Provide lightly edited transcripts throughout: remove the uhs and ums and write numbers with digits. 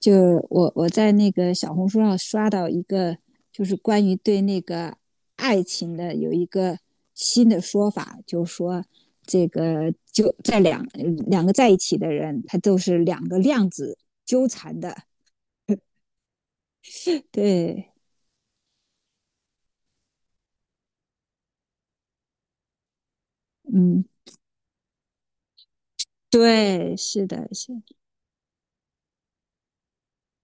就我在那个小红书上刷到一个，就是关于对那个爱情的有一个新的说法，就是说这个就在两个在一起的人，他都是两个量子纠缠的。对，嗯，对，是的，是的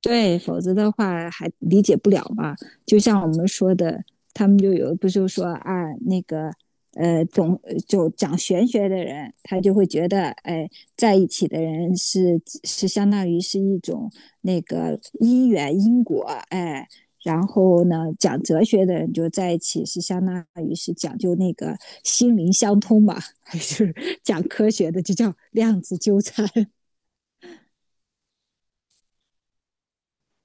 对，否则的话还理解不了嘛。就像我们说的，他们就有不就说啊，那个总就讲玄学的人，他就会觉得，哎，在一起的人是相当于是一种那个因缘因果，哎。然后呢，讲哲学的人就在一起是相当于是讲究那个心灵相通嘛，还是讲科学的就叫量子纠缠？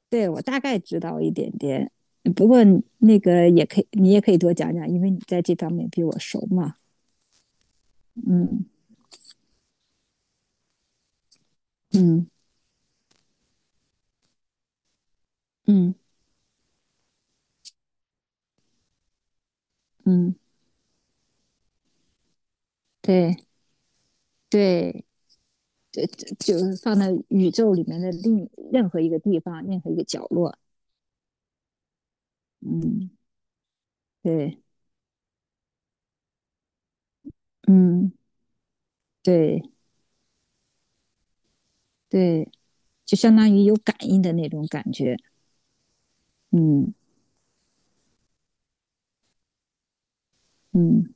对我大概知道一点点，不过那个也可以，你也可以多讲讲，因为你在这方面比我熟嘛。嗯嗯嗯嗯，对对，就是放在宇宙里面的另任何一个地方，任何一个角落。嗯，对，嗯对对，就相当于有感应的那种感觉。嗯嗯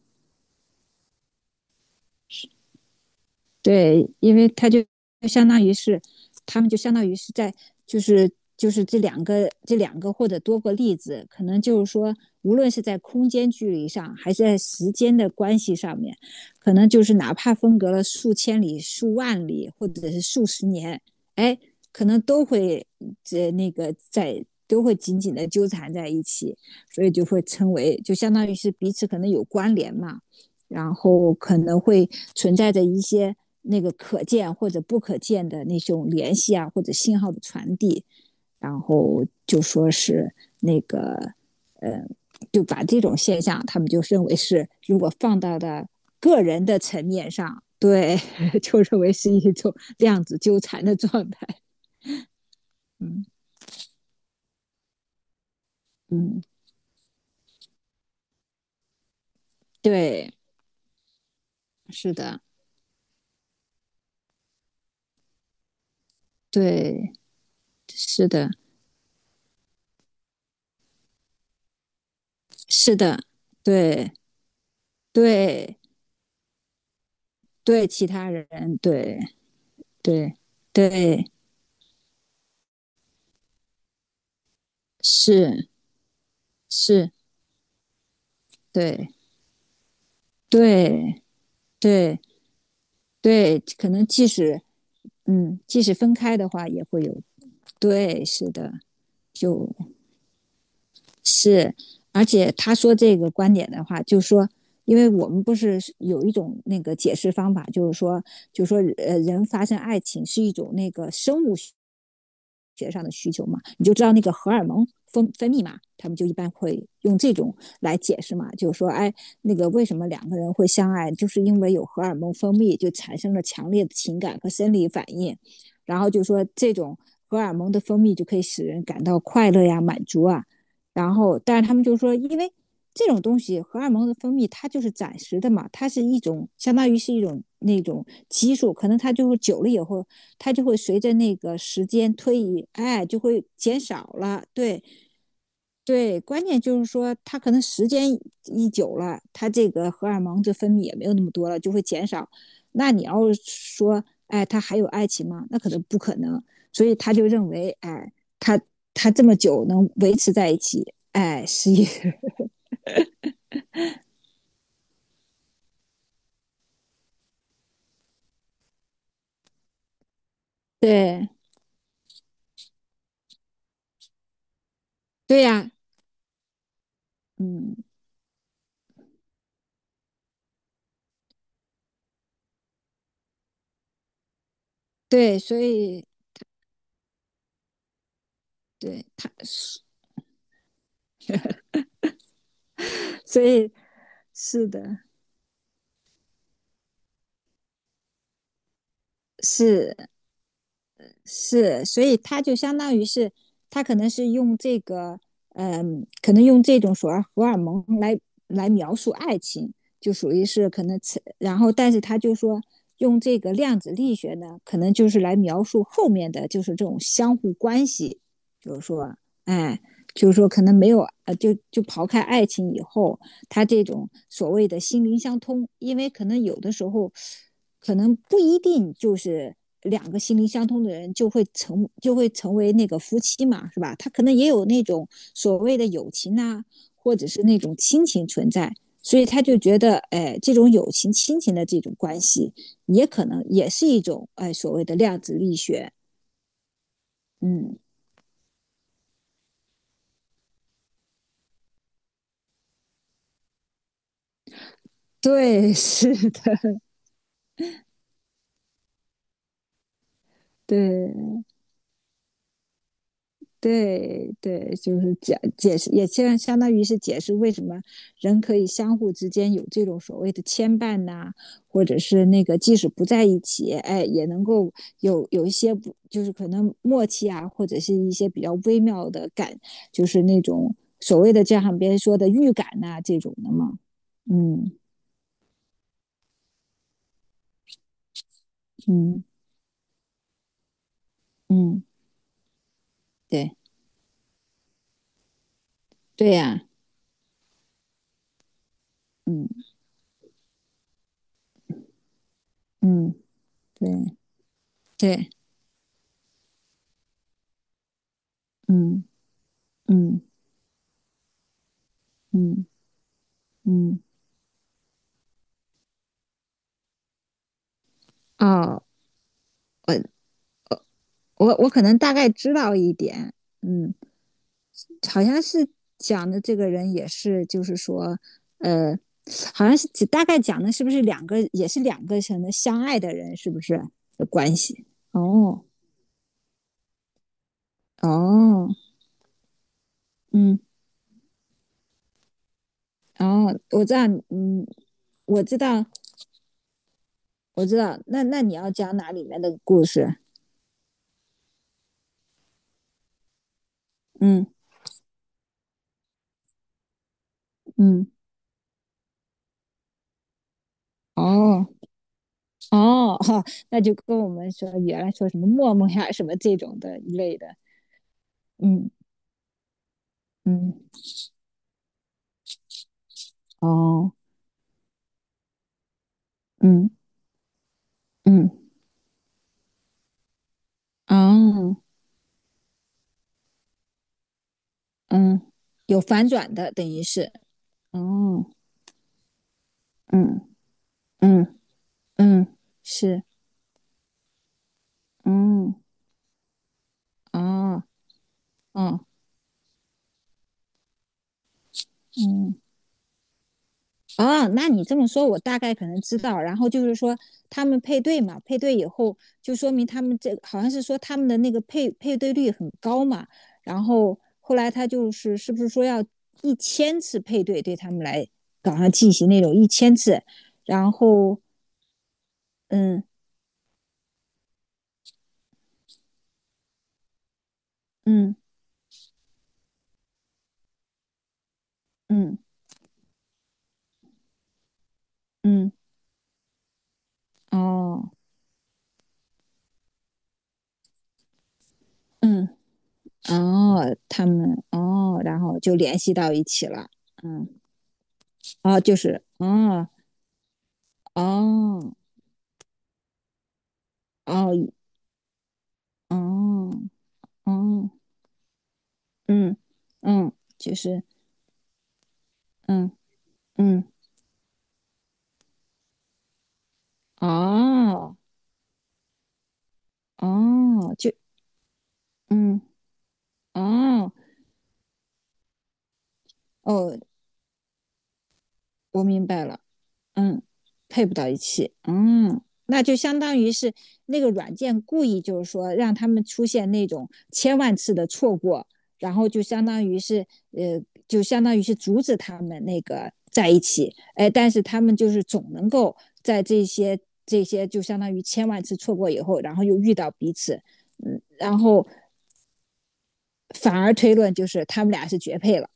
对，因为他就相当于是，他们就相当于是在，就是就是这两个或者多个例子，可能就是说，无论是在空间距离上，还是在时间的关系上面，可能就是哪怕分隔了数千里、数万里，或者是数十年，哎，可能都会这那个在都会紧紧的纠缠在一起，所以就会称为，就相当于是彼此可能有关联嘛。然后可能会存在着一些那个可见或者不可见的那种联系啊，或者信号的传递，然后就说是那个，呃，就把这种现象，他们就认为是如果放到的个人的层面上，对，就认为是一种量子纠缠的状态。嗯嗯，对，是的，对，是的，是的，对对对，其他人对。对对是是，对对对对，可能即使嗯，即使分开的话，也会有对，是的，就是，而且他说这个观点的话，就是说，因为我们不是有一种那个解释方法，就是说，人发生爱情是一种那个生物学上的需求嘛，你就知道那个荷尔蒙分泌嘛，他们就一般会用这种来解释嘛，就是说，哎，那个为什么两个人会相爱，就是因为有荷尔蒙分泌，就产生了强烈的情感和生理反应，然后就说这种。荷尔蒙的分泌就可以使人感到快乐呀、满足啊，然后，但是他们就说，因为这种东西荷尔蒙的分泌，它就是暂时的嘛，它是一种相当于是一种那种激素，可能它就会久了以后，它就会随着那个时间推移，哎，就会减少了。对，对，关键就是说，他可能时间一久了，他这个荷尔蒙这分泌也没有那么多了，就会减少。那你要说，哎，他还有爱情吗？那可能不可能。所以他就认为，哎，他他这么久能维持在一起，哎，是一，对对呀、嗯，对，所以对他，所以是的，是是，所以他就相当于是，他可能是用这个，嗯，可能用这种所谓荷尔蒙来描述爱情，就属于是可能然后但是他就说用这个量子力学呢，可能就是来描述后面的就是这种相互关系，就是说，哎，就是说可能没有，就刨开爱情以后，他这种所谓的心灵相通，因为可能有的时候。可能不一定就是两个心灵相通的人就会成为那个夫妻嘛，是吧？他可能也有那种所谓的友情呐、或者是那种亲情存在，所以他就觉得，哎，这种友情、亲情的这种关系，也可能也是一种哎所谓的量子力学。嗯，对，是的，对。对对，就是解释，也相当于是解释为什么人可以相互之间有这种所谓的牵绊呐、啊或者是那个即使不在一起，哎，也能够有一些不就是可能默契啊，或者是一些比较微妙的感，就是那种所谓的就像别人说的预感呐、啊这种的嘛。嗯嗯嗯，对对呀、嗯嗯对对嗯嗯嗯嗯哦，我我可能大概知道一点，嗯，好像是讲的这个人也是，就是说，呃，好像是大概讲的是不是两个，也是两个什么相爱的人，是不是的关系？哦哦，嗯，哦，我知道，嗯，我知道，我知道。那你要讲哪里面的故事？嗯嗯，哦哦，哈，那就跟我们说原来说什么陌陌呀什么这种的一类的，嗯嗯，哦嗯。嗯，哦，嗯，有反转的，等于是，哦，嗯嗯嗯，是，嗯，哦，哦，嗯，哦，那你这么说，我大概可能知道。然后就是说，他们配对嘛，配对以后就说明他们这好像是说他们的那个配对率很高嘛。然后后来他就是是不是说要一千次配对，对他们来搞上进行那种一千次，然后嗯嗯嗯嗯嗯哦嗯，哦，他们哦，然后就联系到一起了。嗯，哦，就是哦哦哦哦哦，嗯嗯，就是嗯嗯哦哦，就嗯哦哦，我明白了。嗯，配不到一起，嗯，那就相当于是那个软件故意就是说让他们出现那种千万次的错过，然后就相当于是呃，就相当于是阻止他们那个在一起，哎，但是他们就是总能够在这些就相当于千万次错过以后，然后又遇到彼此，嗯，然后反而推论就是他们俩是绝配了，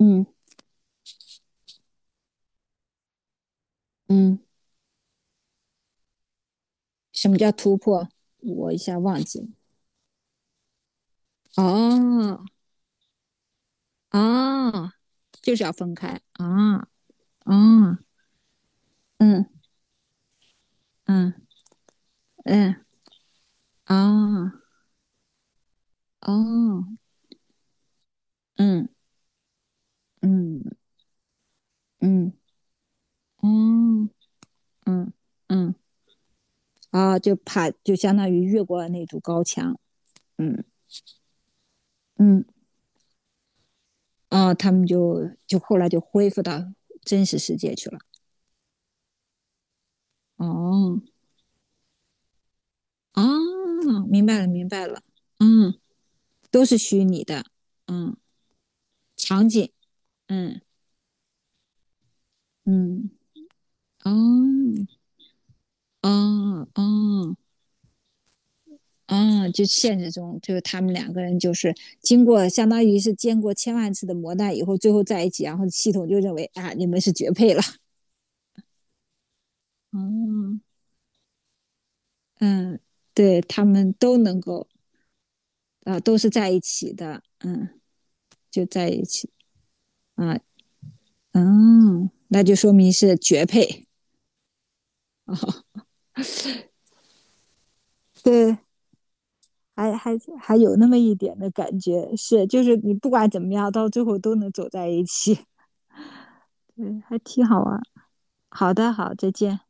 嗯嗯，什么叫突破？我一下忘记了。哦哦，就是要分开啊，啊，嗯嗯嗯啊，哦哦，嗯嗯嗯嗯嗯嗯啊，就怕就相当于越过了那堵高墙，嗯嗯，啊，他们就后来就恢复到真实世界去了。哦，哦明白了明白了，嗯，都是虚拟的，嗯，场景，嗯嗯，哦哦哦。嗯，就现实中，就是他们两个人就是经过相当于是经过千万次的磨难以后，最后在一起，然后系统就认为啊，你们是绝配了。嗯嗯，对他们都能够啊、都是在一起的，嗯，就在一起啊，嗯，那就说明是绝配。啊，对，还还还有那么一点的感觉，是就是你不管怎么样，到最后都能走在一起，对，还挺好玩好的，好，再见。